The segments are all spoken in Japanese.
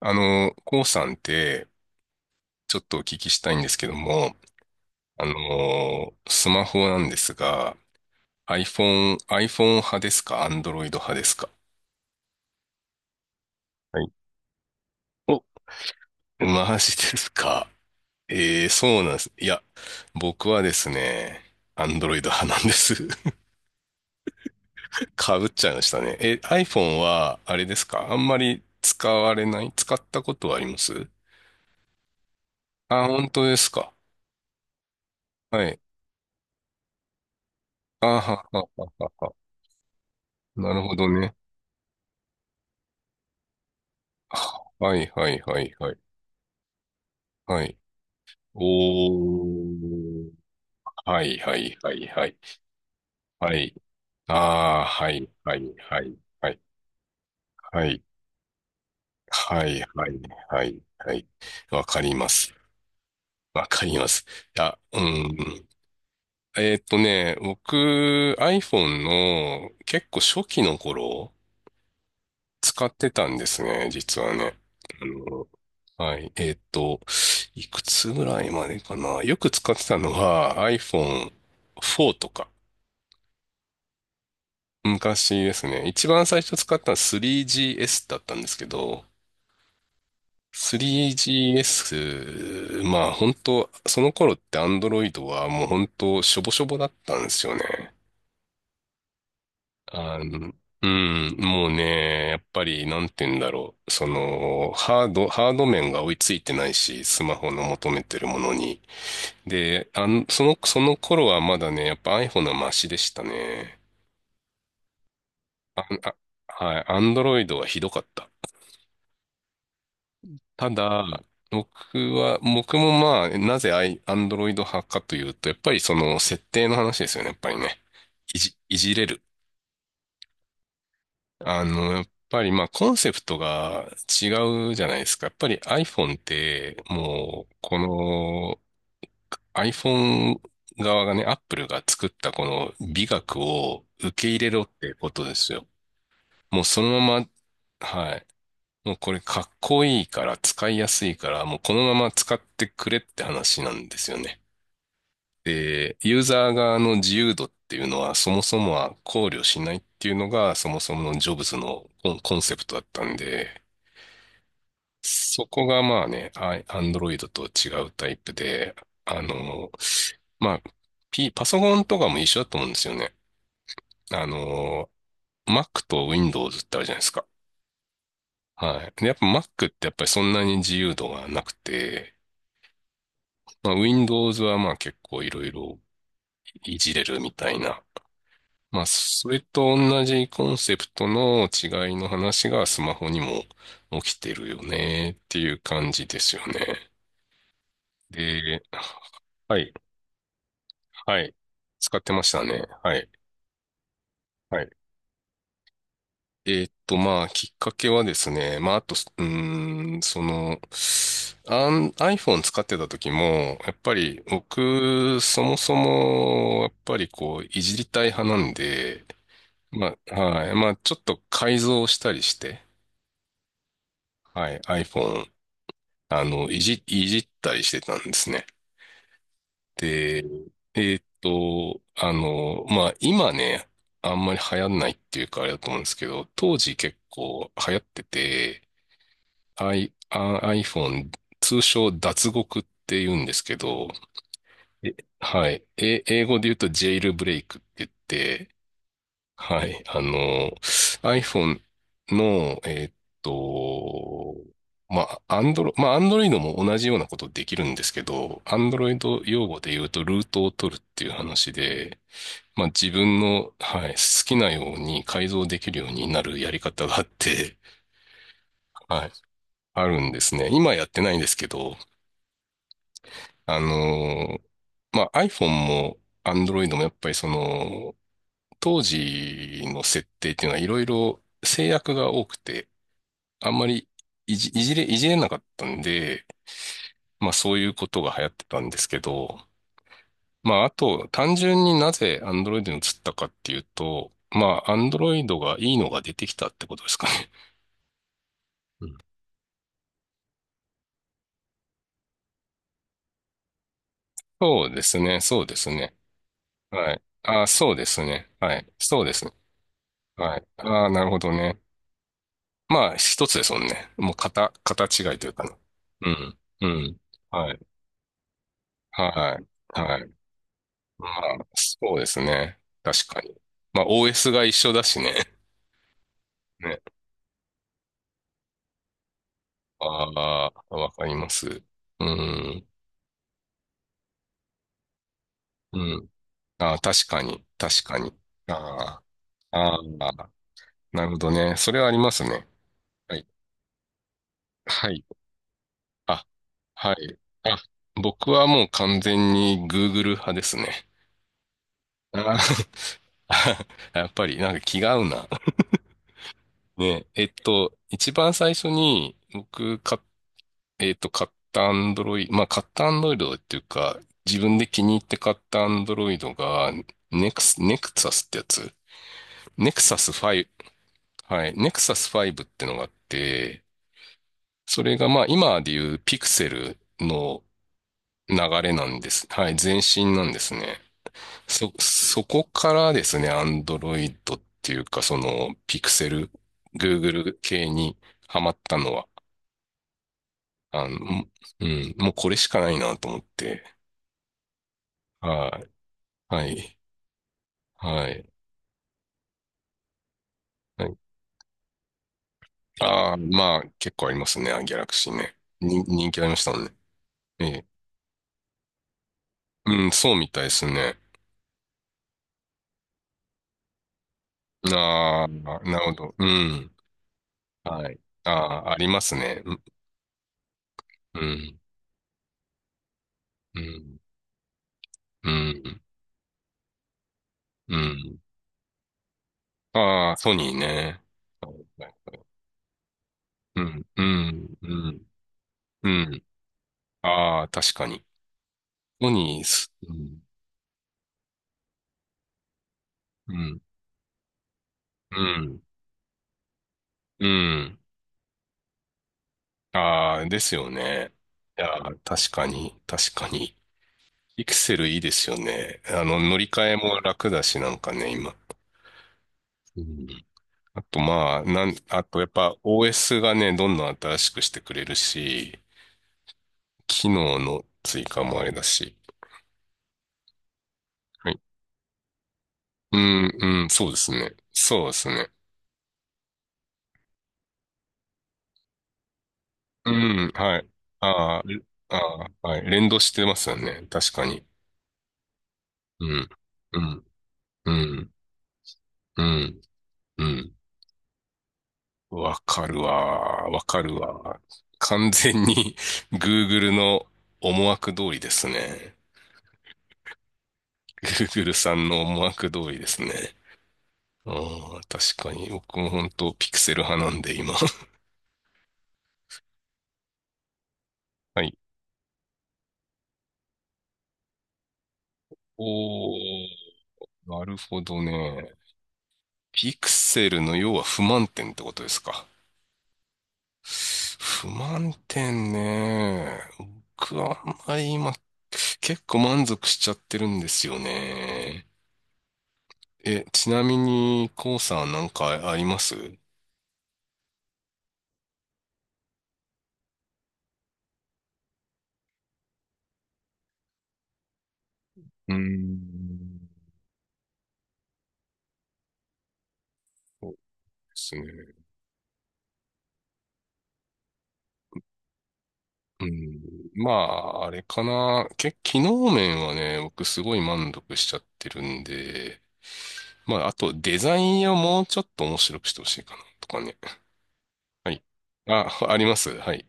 こうさんって、ちょっとお聞きしたいんですけども、スマホなんですが、iPhone 派ですか？ Android 派ですか？はい。お、マジですか？ええー、そうなんです。いや、僕はですね、Android 派なんです。かぶっちゃいましたね。え、iPhone は、あれですか、あんまり使われない、使ったことはあります？あ、本当ですか？はい。あははははは。なるほどね。ははいはいはいはい。はい。おー。はい、はい、はい、はい。はい。ああ、はい、はい、はい、はい、はい、はい、はい、はい、はい。わかります。わかります。あ、うん。僕、iPhone の結構初期の頃、使ってたんですね、実はね。あの、はい。いくつぐらいまでかな。よく使ってたのは iPhone4 とか。昔ですね。一番最初使ったのは 3GS だったんですけど、3GS、まあ本当、その頃って Android はもう本当、しょぼしょぼだったんですよね。あの、うん、もうね、やっぱり、なんて言うんだろう。ハード面が追いついてないし、スマホの求めてるものに。で、その頃はまだね、やっぱ iPhone はマシでしたね。あ、あ、はい、Android はひどかった。ただ、僕僕もまあ、なぜアンドロイド派かというと、やっぱりその設定の話ですよね、やっぱりね。いじれる。やっぱりまあ、コンセプトが違うじゃないですか。やっぱり iPhone って、もう、この iPhone 側がね、Apple が作ったこの美学を受け入れろってことですよ。もうそのまま、はい。もうこれかっこいいから使いやすいから、もうこのまま使ってくれって話なんですよね。で、ユーザー側の自由度っていうのはそもそもは考慮しないっていうのがそもそものジョブズのコンコンセプトだったんで、そこがまあね、ア n ンドロイドと違うタイプで、あの、まあ、パソコンとかも一緒だと思うんですよね。あの、Mac と Windows ってあるじゃないですか。はい。で、やっぱ Mac ってやっぱりそんなに自由度がなくて、まあ、Windows はまあ結構いろいろいじれるみたいな。まあ、それと同じコンセプトの違いの話がスマホにも起きてるよねっていう感じですよね。で、はい、はい。使ってましたね。はい、はい。まあ、きっかけはですね、まあ、あと、うーん、iPhone 使ってた時も、やっぱり僕、そもそも、やっぱりこう、いじりたい派なんで、まあ、はい。まあ、ちょっと改造したりして、はい。iPhone、いじったりしてたんですね。で、まあ、今ね、あんまり流行んないっていうかあれだと思うんですけど、当時結構流行ってて、iPhone、通称脱獄って言うんですけど、えはい。え、英語で言うとジェイルブレイクって言って、はい。iPhone の、と、まあ、Android も同じようなことできるんですけど、Android 用語で言うと、ルートを取るっていう話で、まあ、自分の、はい、好きなように改造できるようになるやり方があって、はい、あるんですね。今やってないんですけど、あの、まあ、iPhone も Android もやっぱり当時の設定っていうのはいろいろ制約が多くて、あんまりいじれなかったんで、まあそういうことが流行ってたんですけど、まああと単純になぜ Android に移ったかっていうと、まあ Android がいいのが出てきたってことですかね。うん。そうですね、そうですね。はい。あ、そうですね。はい。そうですね。はい。ああ、なるほどね。まあ一つですもんね。もう型違いというかね。うん。うん。はい。はい。はい。まあ、そうですね。確かに。まあ、OS が一緒だしね。ね。ああ、わかります。うん。うん。ああ、確かに。確かに。ああ、ああ、なるほどね。それはありますね。はい。はい。あ、はい。あ、僕はもう完全に Google 派ですね。ああ やっぱり、なんか気が合うな。ね。一番最初に僕買っえっと、買ったアンドロイド、まあ、買ったアンドロイドっていうか、自分で気に入って買ったアンドロイドが、ネクサスってやつ。ネクサス5、はい、ネクサス5ってのがあって、それがまあ、今でいうピクセルの流れなんです。はい、前身なんですね。そこからですね、アンドロイドっていうか、ピクセル、Google 系にハマったのは、あの、うん、もうこれしかないなと思って、はいはい。はい。はい。ああ、まあ、結構ありますね。ギャラクシーね。人気ありましたもんね。ええ。うん、そうみたいですね。ああ、なるほど。うん。はい。ああ、ありますね。うん、うん、うん、うん。うんああ、ソニーね。はいはいはいうん、うん、うん、うん。ああ、確かに。ソニーす、うん、うん、うん、うん。ああ、ですよね。いやー、確かに、確かに。ピクセルいいですよね。乗り換えも楽だし、なんかね、今。うん。あと、まあ、あと、やっぱ OS がね、どんどん新しくしてくれるし、機能の追加もあれだし。はい。うん、うん、そうですね。そうですね。うん、はい。あーあー、はい。連動してますよね。確かに。うん、うん、うん、うん、うん。わかるわー。わかるわー。完全に Google の思惑通りですね。Google さんの思惑通りですね。うん、確かに。僕も本当ピクセル派なんで、今。はい。おー、なるほどね。ピクセルの要は不満点ってことですか？不満点ね。僕はあんまり今、結構満足しちゃってるんですよね。え、ちなみに、コうさんなんかありますう？ーん。そうですね。うん。まあ、あれかな。機能面はね、僕すごい満足しちゃってるんで、まあ、あとデザインをもうちょっと面白くしてほしいかな、とかね。はい。あ、あります。はい。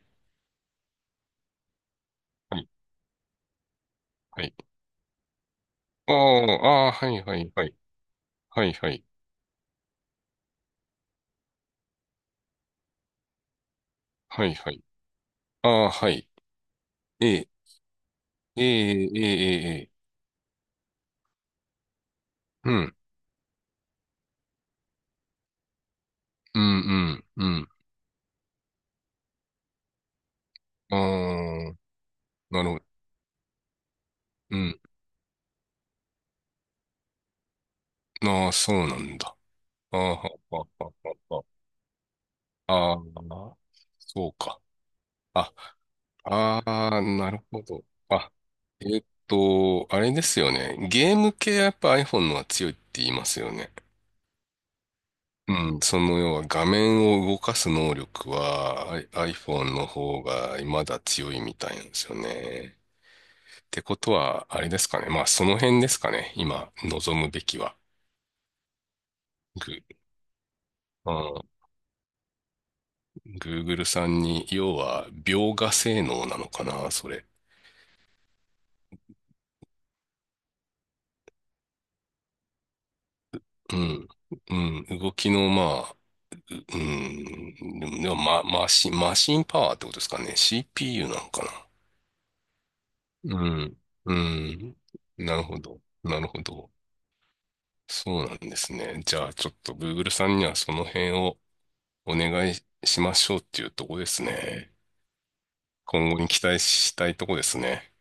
はい。はい。ああ、ああ、はい、はい、はい。はい、はい。はい、はい。ああ、はい。ええ、ええ、ええ、ええ。ええうん。うん、うん、うん。ああ。なるほど。うん。ああ、そうなんだ。ああ、はあはあはあはあああ、そうか。あ、ああ、なるほど。あ、あれですよね。ゲーム系はやっぱ iPhone のは強いって言いますよね。うん、その要は画面を動かす能力は iPhone の方がまだ強いみたいなんですよね。ってことは、あれですかね。まあその辺ですかね。今、望むべきは。グー。Google さんに、要は、描画性能なのかな、それ。うん。うん。動きの、まあ、うん。でも、マシンパワーってことですかね。CPU なのかな。うん。うん。なるほど。なるほど。そうなんですね。じゃあ、ちょっと Google さんにはその辺をお願いしましょうっていうとこですね。今後に期待したいとこですね。